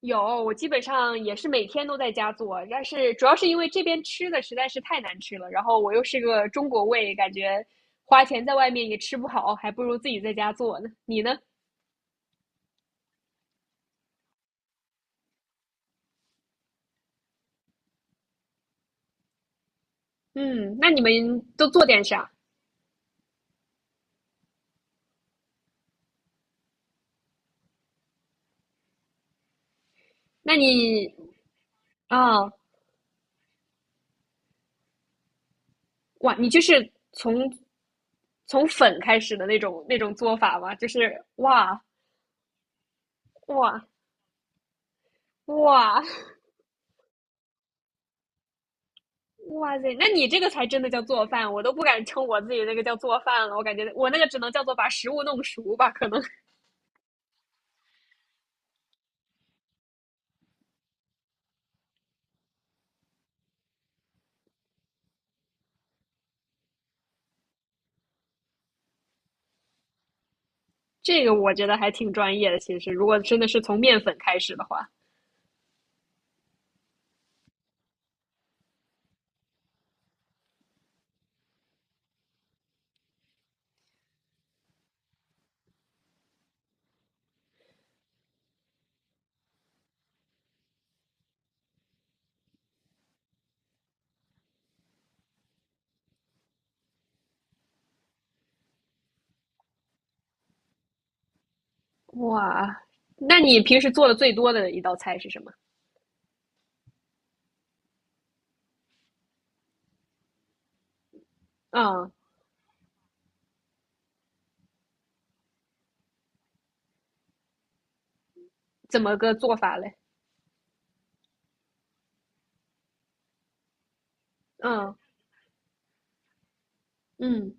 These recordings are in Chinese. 有，我基本上也是每天都在家做，但是主要是因为这边吃的实在是太难吃了，然后我又是个中国胃，感觉花钱在外面也吃不好，还不如自己在家做呢。你呢？嗯，那你们都做点啥？那你啊，哇，你就是从粉开始的那种做法吗？就是哇哇哇塞，那你这个才真的叫做饭，我都不敢称我自己那个叫做饭了，我感觉我那个只能叫做把食物弄熟吧，可能。这个我觉得还挺专业的。其实，如果真的是从面粉开始的话，哇，那你平时做的最多的一道菜是什么？嗯，怎么个做法嘞？嗯嗯，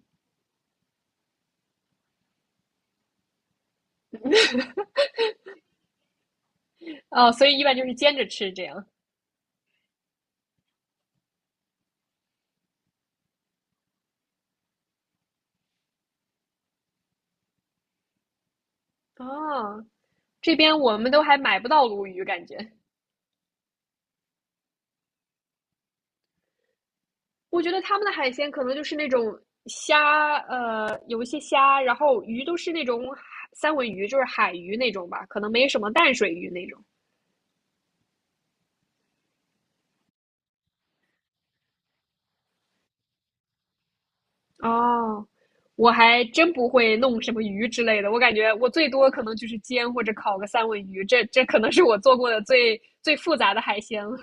哦，所以一般就是煎着吃这样。哦，这边我们都还买不到鲈鱼，感觉。我觉得他们的海鲜可能就是那种虾，有一些虾，然后鱼都是那种三文鱼，就是海鱼那种吧，可能没什么淡水鱼那种。哦，我还真不会弄什么鱼之类的，我感觉我最多可能就是煎或者烤个三文鱼，这可能是我做过的最最复杂的海鲜了。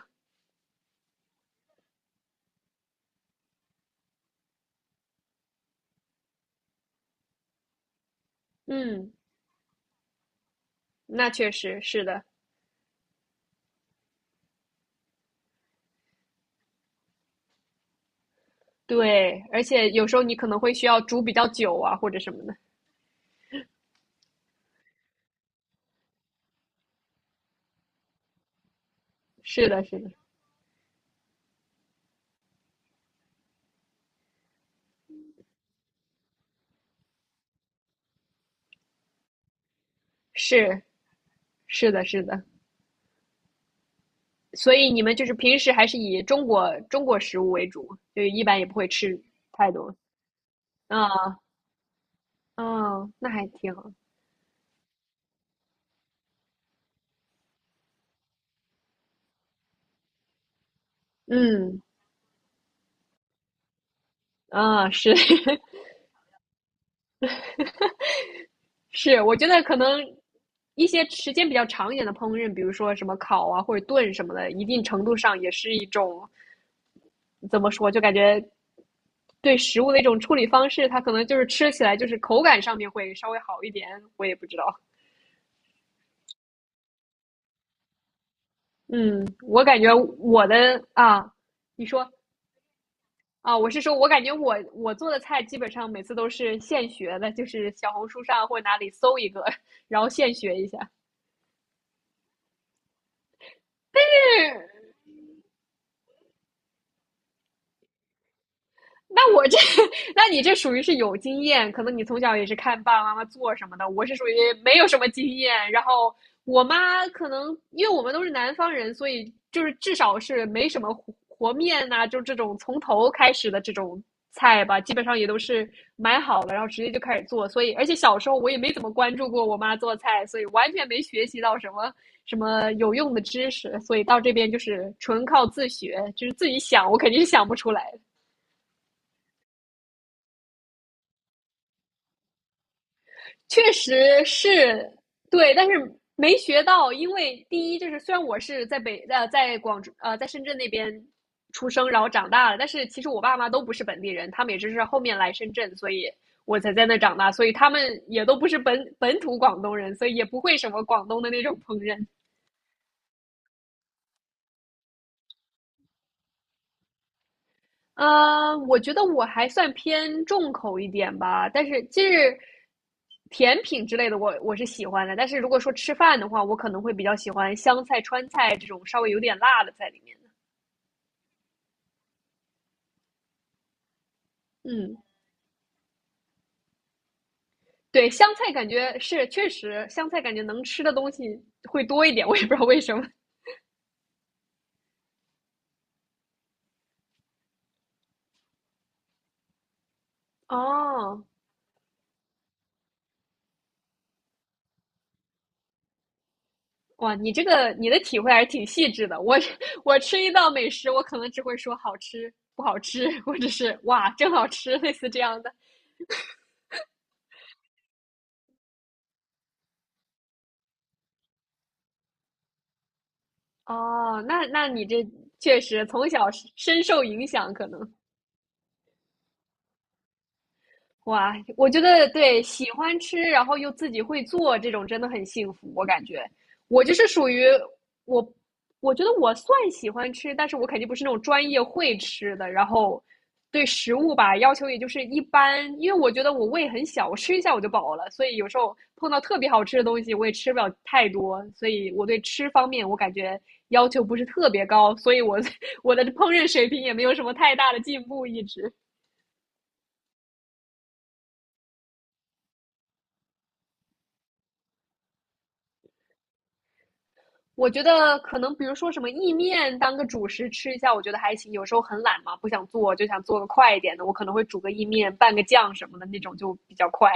嗯，那确实是的，对，而且有时候你可能会需要煮比较久啊，或者什么的。是的，是的，是是的，是的。所以你们就是平时还是以中国食物为主，就一般也不会吃太多。啊，嗯，啊，那还挺好。嗯啊，是 是，我觉得可能一些时间比较长一点的烹饪，比如说什么烤啊或者炖什么的，一定程度上也是一种怎么说，就感觉对食物的一种处理方式，它可能就是吃起来就是口感上面会稍微好一点，我也不知道。嗯，我感觉我的啊，你说啊，我是说我感觉我做的菜基本上每次都是现学的，就是小红书上或者哪里搜一个，然后现学一下。那我这，那你这属于是有经验，可能你从小也是看爸爸妈妈做什么的。我是属于没有什么经验，然后我妈可能因为我们都是南方人，所以就是至少是没什么和面呐，啊就这种从头开始的这种菜吧，基本上也都是买好了，然后直接就开始做。所以，而且小时候我也没怎么关注过我妈做菜，所以完全没学习到什么什么有用的知识。所以到这边就是纯靠自学，就是自己想，我肯定是想不出来。确实是对，但是没学到，因为第一就是虽然我是在广州呃在深圳那边出生，然后长大了，但是其实我爸妈都不是本地人，他们也只是后面来深圳，所以我才在那长大，所以他们也都不是本土广东人，所以也不会什么广东的那种烹饪。呃，我觉得我还算偏重口一点吧，但是就是甜品之类的我，我是喜欢的。但是如果说吃饭的话，我可能会比较喜欢湘菜、川菜这种稍微有点辣的在里面的。嗯，对，湘菜感觉能吃的东西会多一点，我也不知道为什么。哦，哇，你这个你的体会还是挺细致的。我吃一道美食，我可能只会说好吃、不好吃，或者是哇，真好吃，类似这样的。哦，那你这确实从小是深受影响，可能。哇，我觉得对，喜欢吃，然后又自己会做，这种真的很幸福，我感觉。我就是属于我，我觉得我算喜欢吃，但是我肯定不是那种专业会吃的。然后对食物吧，要求也就是一般，因为我觉得我胃很小，我吃一下我就饱了，所以有时候碰到特别好吃的东西，我也吃不了太多。所以我对吃方面，我感觉要求不是特别高，所以我 我的烹饪水平也没有什么太大的进步，一直。我觉得可能比如说什么意面当个主食吃一下，我觉得还行。有时候很懒嘛，不想做，就想做个快一点的，我可能会煮个意面，拌个酱什么的那种就比较快。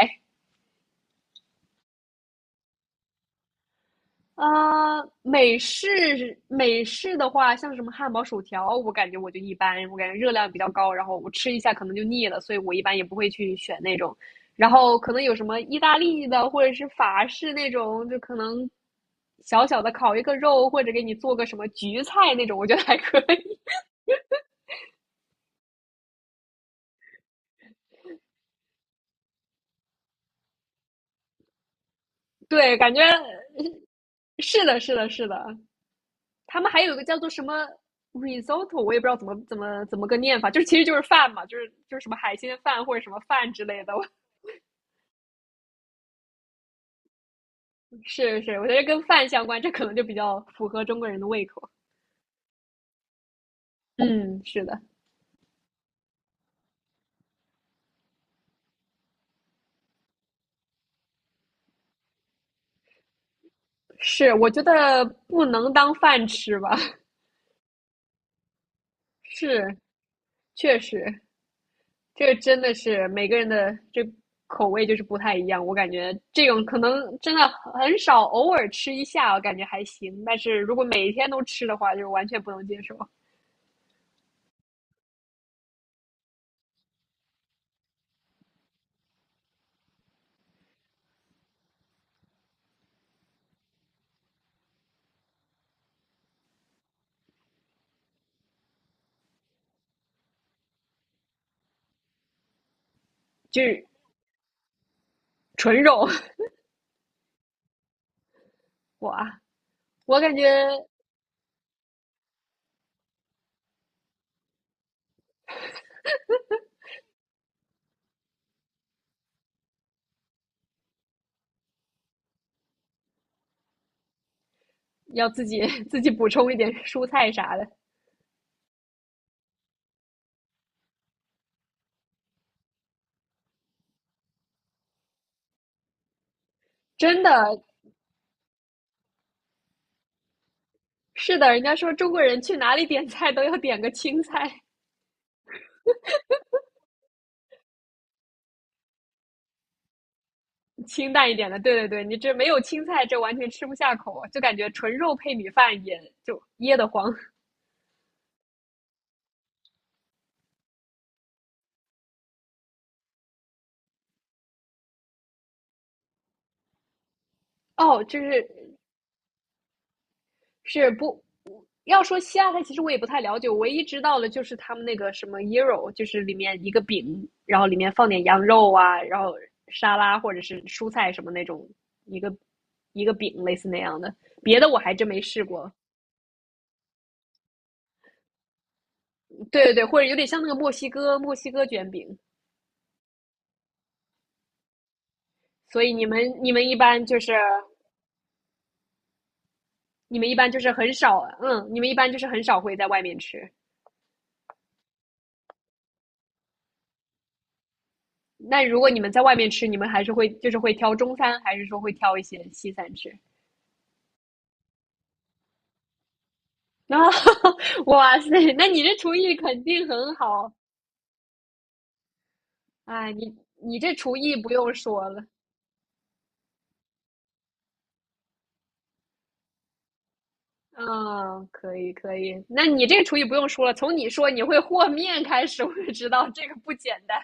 啊，美式的话，像什么汉堡、薯条，我感觉我就一般，我感觉热量比较高，然后我吃一下可能就腻了，所以我一般也不会去选那种。然后可能有什么意大利的或者是法式那种，就可能小小的烤一个肉，或者给你做个什么焗菜那种，我觉得还可以。对，感觉是的，是的，是的。他们还有一个叫做什么 risotto,我也不知道怎么个念法，就是其实就是饭嘛，就是什么海鲜饭或者什么饭之类的。是是，我觉得跟饭相关，这可能就比较符合中国人的胃口。嗯，是的，是，我觉得不能当饭吃吧，是，确实。这个真的是每个人的这口味就是不太一样，我感觉这种可能真的很少，偶尔吃一下我感觉还行，但是如果每天都吃的话，就完全不能接受，就是纯肉。哇，我感觉要自己补充一点蔬菜啥的，真的是的，人家说中国人去哪里点菜都要点个青菜，清淡一点的。对对对，你这没有青菜，这完全吃不下口，就感觉纯肉配米饭也就噎得慌。哦，就是是不要说西亚菜，其实我也不太了解，我唯一知道的就是他们那个什么 gyro,就是里面一个饼，然后里面放点羊肉啊，然后沙拉或者是蔬菜什么那种一个一个饼类似那样的，别的我还真没试过。对对对，或者有点像那个墨西哥卷饼。所以你们一般就是你们一般就是很少，嗯，你们一般就是很少会在外面吃。那如果你们在外面吃，你们还是会就是会挑中餐，还是说会挑一些西餐吃？然后，哇塞，那你这厨艺肯定很好。哎，你这厨艺不用说了，嗯，可以可以。那你这厨艺不用说了，从你说你会和面开始，我就知道这个不简单。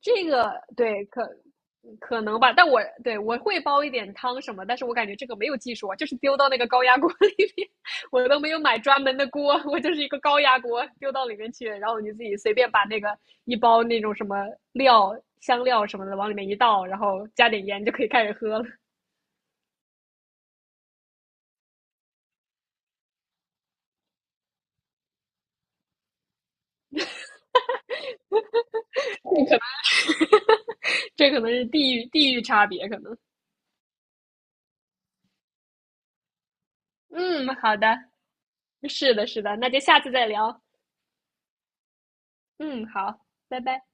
这个对，可能吧，但我会煲一点汤什么，但是我感觉这个没有技术啊，就是丢到那个高压锅 里面，我都没有买专门的锅，我就是一个高压锅丢到里面去，然后你自己随便把那个一包那种什么料、香料什么的往里面一倒，然后加点盐就可以开始喝了。这可能这可能是地域差别，可能。嗯，好的，是的，是的，那就下次再聊。嗯，好，拜拜。